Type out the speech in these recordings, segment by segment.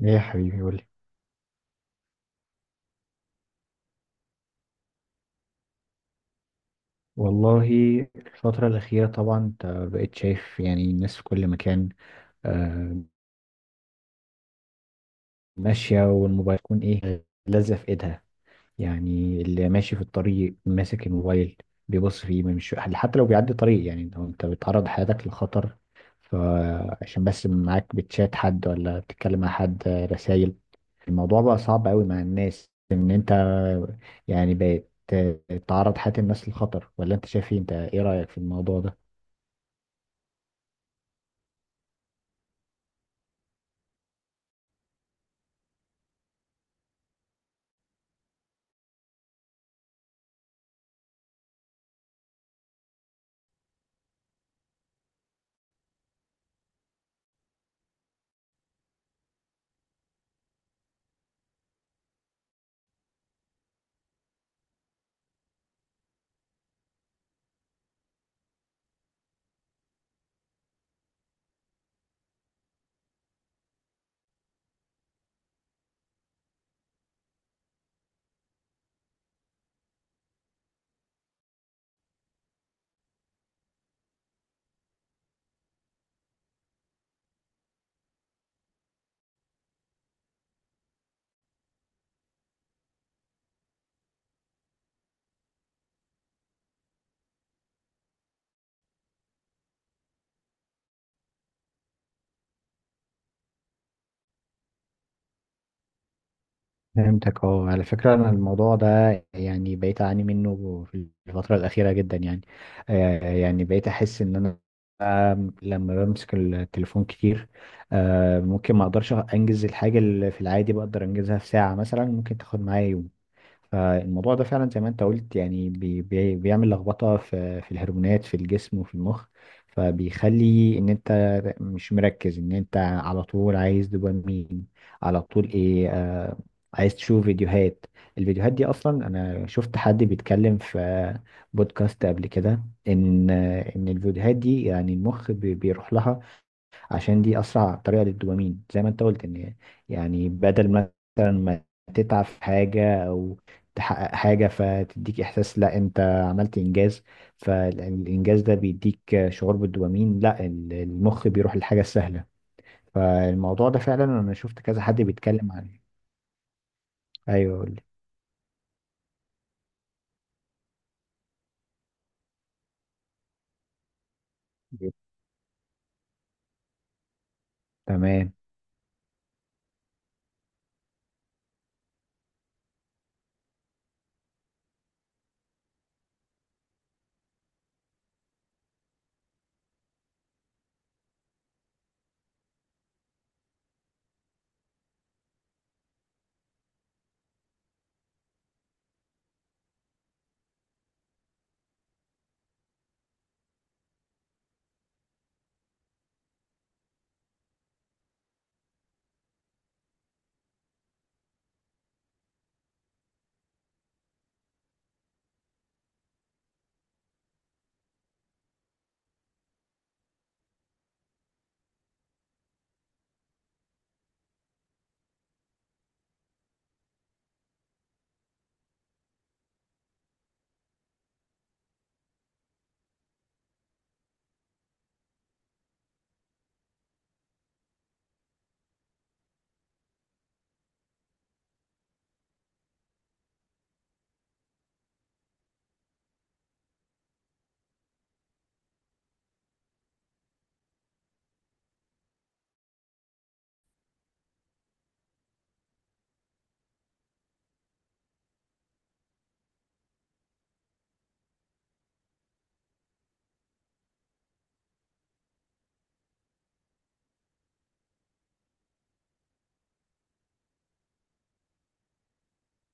ايه يا حبيبي، قولي. والله، الفترة الأخيرة طبعا انت بقيت شايف يعني الناس في كل مكان، آه، ماشية والموبايل يكون ايه لازق في ايدها. يعني اللي ماشي في الطريق ماسك الموبايل بيبص فيه، ما مش حتى لو بيعدي طريق، يعني انت بتعرض حياتك للخطر، فعشان بس معاك بتشات حد ولا بتتكلم مع حد رسايل. الموضوع بقى صعب قوي مع الناس، ان انت يعني بقيت تعرض حياة الناس للخطر. ولا انت شايف ايه؟ انت ايه رأيك في الموضوع ده؟ فهمتك. اه، على فكرة أنا الموضوع ده يعني بقيت أعاني منه في الفترة الأخيرة جدا. يعني بقيت أحس إن أنا، لما بمسك التليفون كتير، ممكن ما أقدرش أنجز الحاجة اللي في العادي بقدر أنجزها في ساعة، مثلا ممكن تاخد معايا يوم. فالموضوع ده فعلا زي ما انت قلت، يعني بي بي بيعمل لخبطة في الهرمونات في الجسم وفي المخ. فبيخلي ان انت مش مركز، ان انت على طول عايز دوبامين على طول، ايه عايز تشوف فيديوهات. الفيديوهات دي اصلا انا شفت حد بيتكلم في بودكاست قبل كده ان ان الفيديوهات دي يعني المخ بيروح لها عشان دي اسرع طريقه للدوبامين، زي ما انت قلت، ان يعني بدل مثلا ما تتعب في حاجه او تحقق حاجه فتديك احساس لا انت عملت انجاز، فالانجاز ده بيديك شعور بالدوبامين، لا المخ بيروح للحاجه السهله. فالموضوع ده فعلا انا شفت كذا حد بيتكلم عنه. ايوه، قول لي. تمام.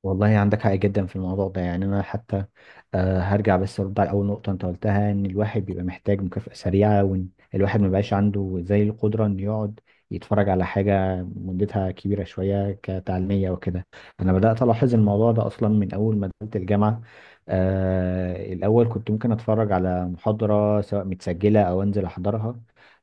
والله عندك حق جدا في الموضوع ده. يعني انا حتى، هرجع بس ارد على اول نقطه انت قلتها ان الواحد بيبقى محتاج مكافاه سريعه، وان الواحد ما بقاش عنده زي القدره ان يقعد يتفرج على حاجه مدتها كبيره شويه كتعليميه وكده. انا بدات الاحظ الموضوع ده اصلا من اول ما دخلت الجامعه. آه الاول كنت ممكن اتفرج على محاضره، سواء متسجله او انزل احضرها،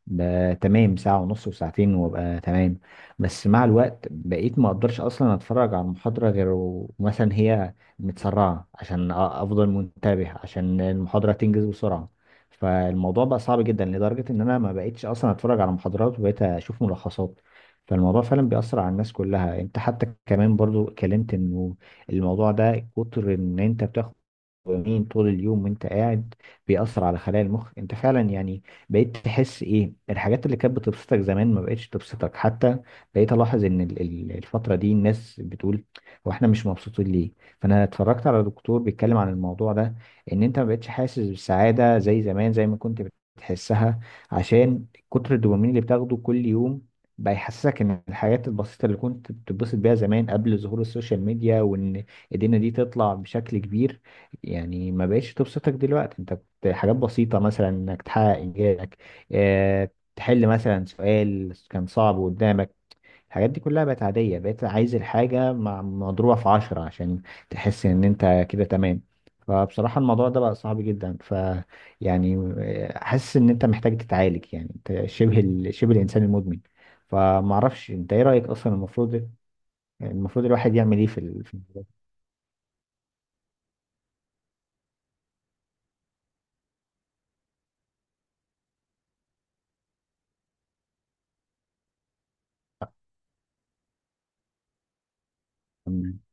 تمام ساعه ونص وساعتين وابقى تمام. بس مع الوقت بقيت ما اقدرش اصلا اتفرج على المحاضرة غير مثلا هي متسرعة عشان افضل منتبه عشان المحاضرة تنجز بسرعة. فالموضوع بقى صعب جدا لدرجة ان انا ما بقيتش اصلا اتفرج على محاضرات، وبقيت اشوف ملخصات. فالموضوع فعلا بيأثر على الناس كلها. انت حتى كمان برضو اتكلمت انه الموضوع ده كتر ان انت بتاخد دوبامين طول اليوم وانت قاعد بيأثر على خلايا المخ. انت فعلا يعني بقيت تحس ايه، الحاجات اللي كانت بتبسطك زمان ما بقتش تبسطك. حتى بقيت الاحظ ان الفترة دي الناس بتقول هو احنا مش مبسوطين ليه. فانا اتفرجت على دكتور بيتكلم عن الموضوع ده، ان انت ما بقتش حاسس بالسعادة زي زمان، زي ما كنت بتحسها، عشان كتر الدوبامين اللي بتاخده كل يوم بقى يحسسك ان الحاجات البسيطة اللي كنت بتتبسط بيها زمان قبل ظهور السوشيال ميديا، وان ايدينا دي تطلع بشكل كبير يعني ما بقتش تبسطك دلوقتي. انت كنت حاجات بسيطة مثلا انك تحقق انجازك، اه، تحل مثلا سؤال كان صعب قدامك، الحاجات دي كلها بقت عادية. بقيت عايز الحاجة مع مضروبة في عشرة عشان تحس ان انت كده تمام. فبصراحة الموضوع ده بقى صعب جدا. يعني حاسس ان انت محتاج تتعالج، يعني انت شبه الانسان المدمن. فمعرفش انت ايه رأيك، اصلا المفروض الواحد يعمل ايه في الموضوع ده؟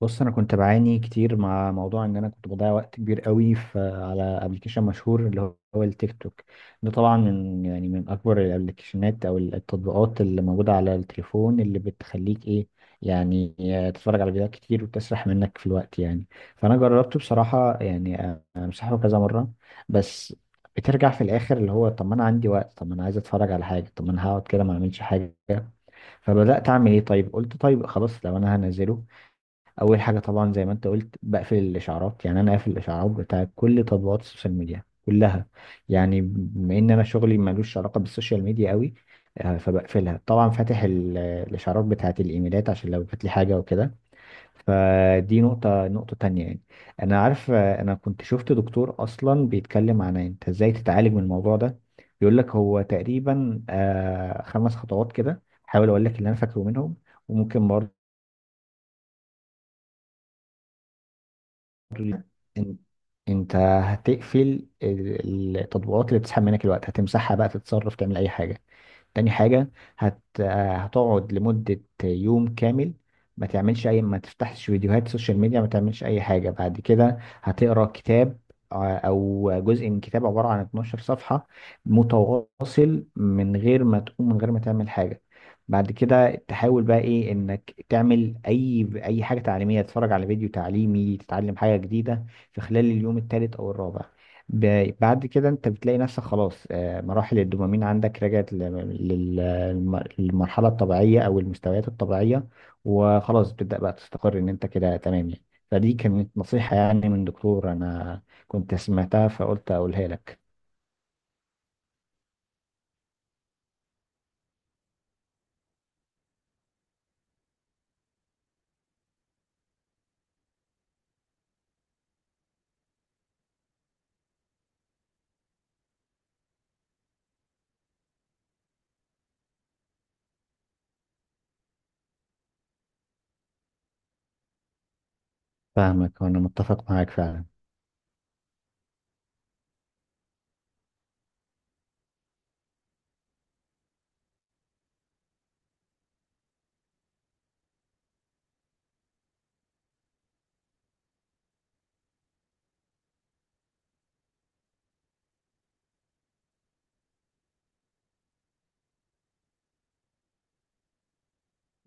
بص انا كنت بعاني كتير مع موضوع ان انا كنت بضيع وقت كبير قوي في، على ابلكيشن مشهور اللي هو التيك توك. ده طبعا من يعني من اكبر الابلكيشنات او التطبيقات اللي موجوده على التليفون، اللي بتخليك ايه يعني تتفرج على فيديوهات كتير وتسرح منك في الوقت يعني. فانا جربته بصراحه، يعني امسحه كذا مره، بس بترجع في الاخر اللي هو طب ما انا عندي وقت، طب ما انا عايز اتفرج على حاجه، طب ما انا هقعد كده ما اعملش حاجه. فبدات اعمل ايه، طيب قلت طيب خلاص لو انا هنزله، اول حاجه طبعا زي ما انت قلت بقفل الاشعارات. يعني انا قافل الاشعارات بتاع كل تطبيقات السوشيال ميديا كلها، يعني بما ان انا شغلي ملوش علاقه بالسوشيال ميديا قوي. فبقفلها طبعا، فاتح الاشعارات بتاعه الايميلات عشان لو جات لي حاجه وكده. فدي نقطه تانية يعني، انا عارف، انا كنت شفت دكتور اصلا بيتكلم عن انت ازاي تتعالج من الموضوع ده. بيقول لك هو تقريبا خمس خطوات كده، حاول اقول لك اللي انا فاكره منهم. وممكن ال- إن- انت هتقفل التطبيقات اللي بتسحب منك الوقت، هتمسحها بقى تتصرف، تعمل اي حاجه. تاني حاجة هت... آه، هتقعد لمدة يوم كامل ما تعملش أي، ما تفتحش فيديوهات سوشيال ميديا، ما تعملش أي حاجة. بعد كده هتقرأ كتاب، أو جزء من كتاب عبارة عن 12 صفحة متواصل، من غير ما تقوم من غير ما تعمل حاجة. بعد كده تحاول بقى إيه، إنك تعمل أي حاجة تعليمية، تتفرج على فيديو تعليمي، تتعلم حاجة جديدة في خلال اليوم الثالث أو الرابع. بعد كده انت بتلاقي نفسك خلاص، مراحل الدوبامين عندك رجعت للمرحلة الطبيعية او المستويات الطبيعية. وخلاص بتبدأ بقى تستقر ان انت كده تمام يعني. فدي كانت نصيحة يعني من دكتور انا كنت سمعتها فقلت اقولها لك. فاهمك وانا متفق معاك فعلا.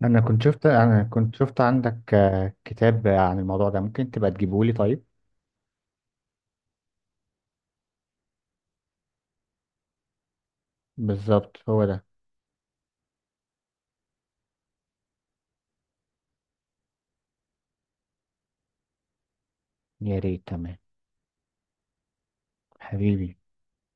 انا كنت شفت، انا كنت شفت عندك كتاب عن الموضوع ده ممكن تبقى تجيبه لي طيب. بالظبط هو ده. يا ريت، تمام. حبيبي.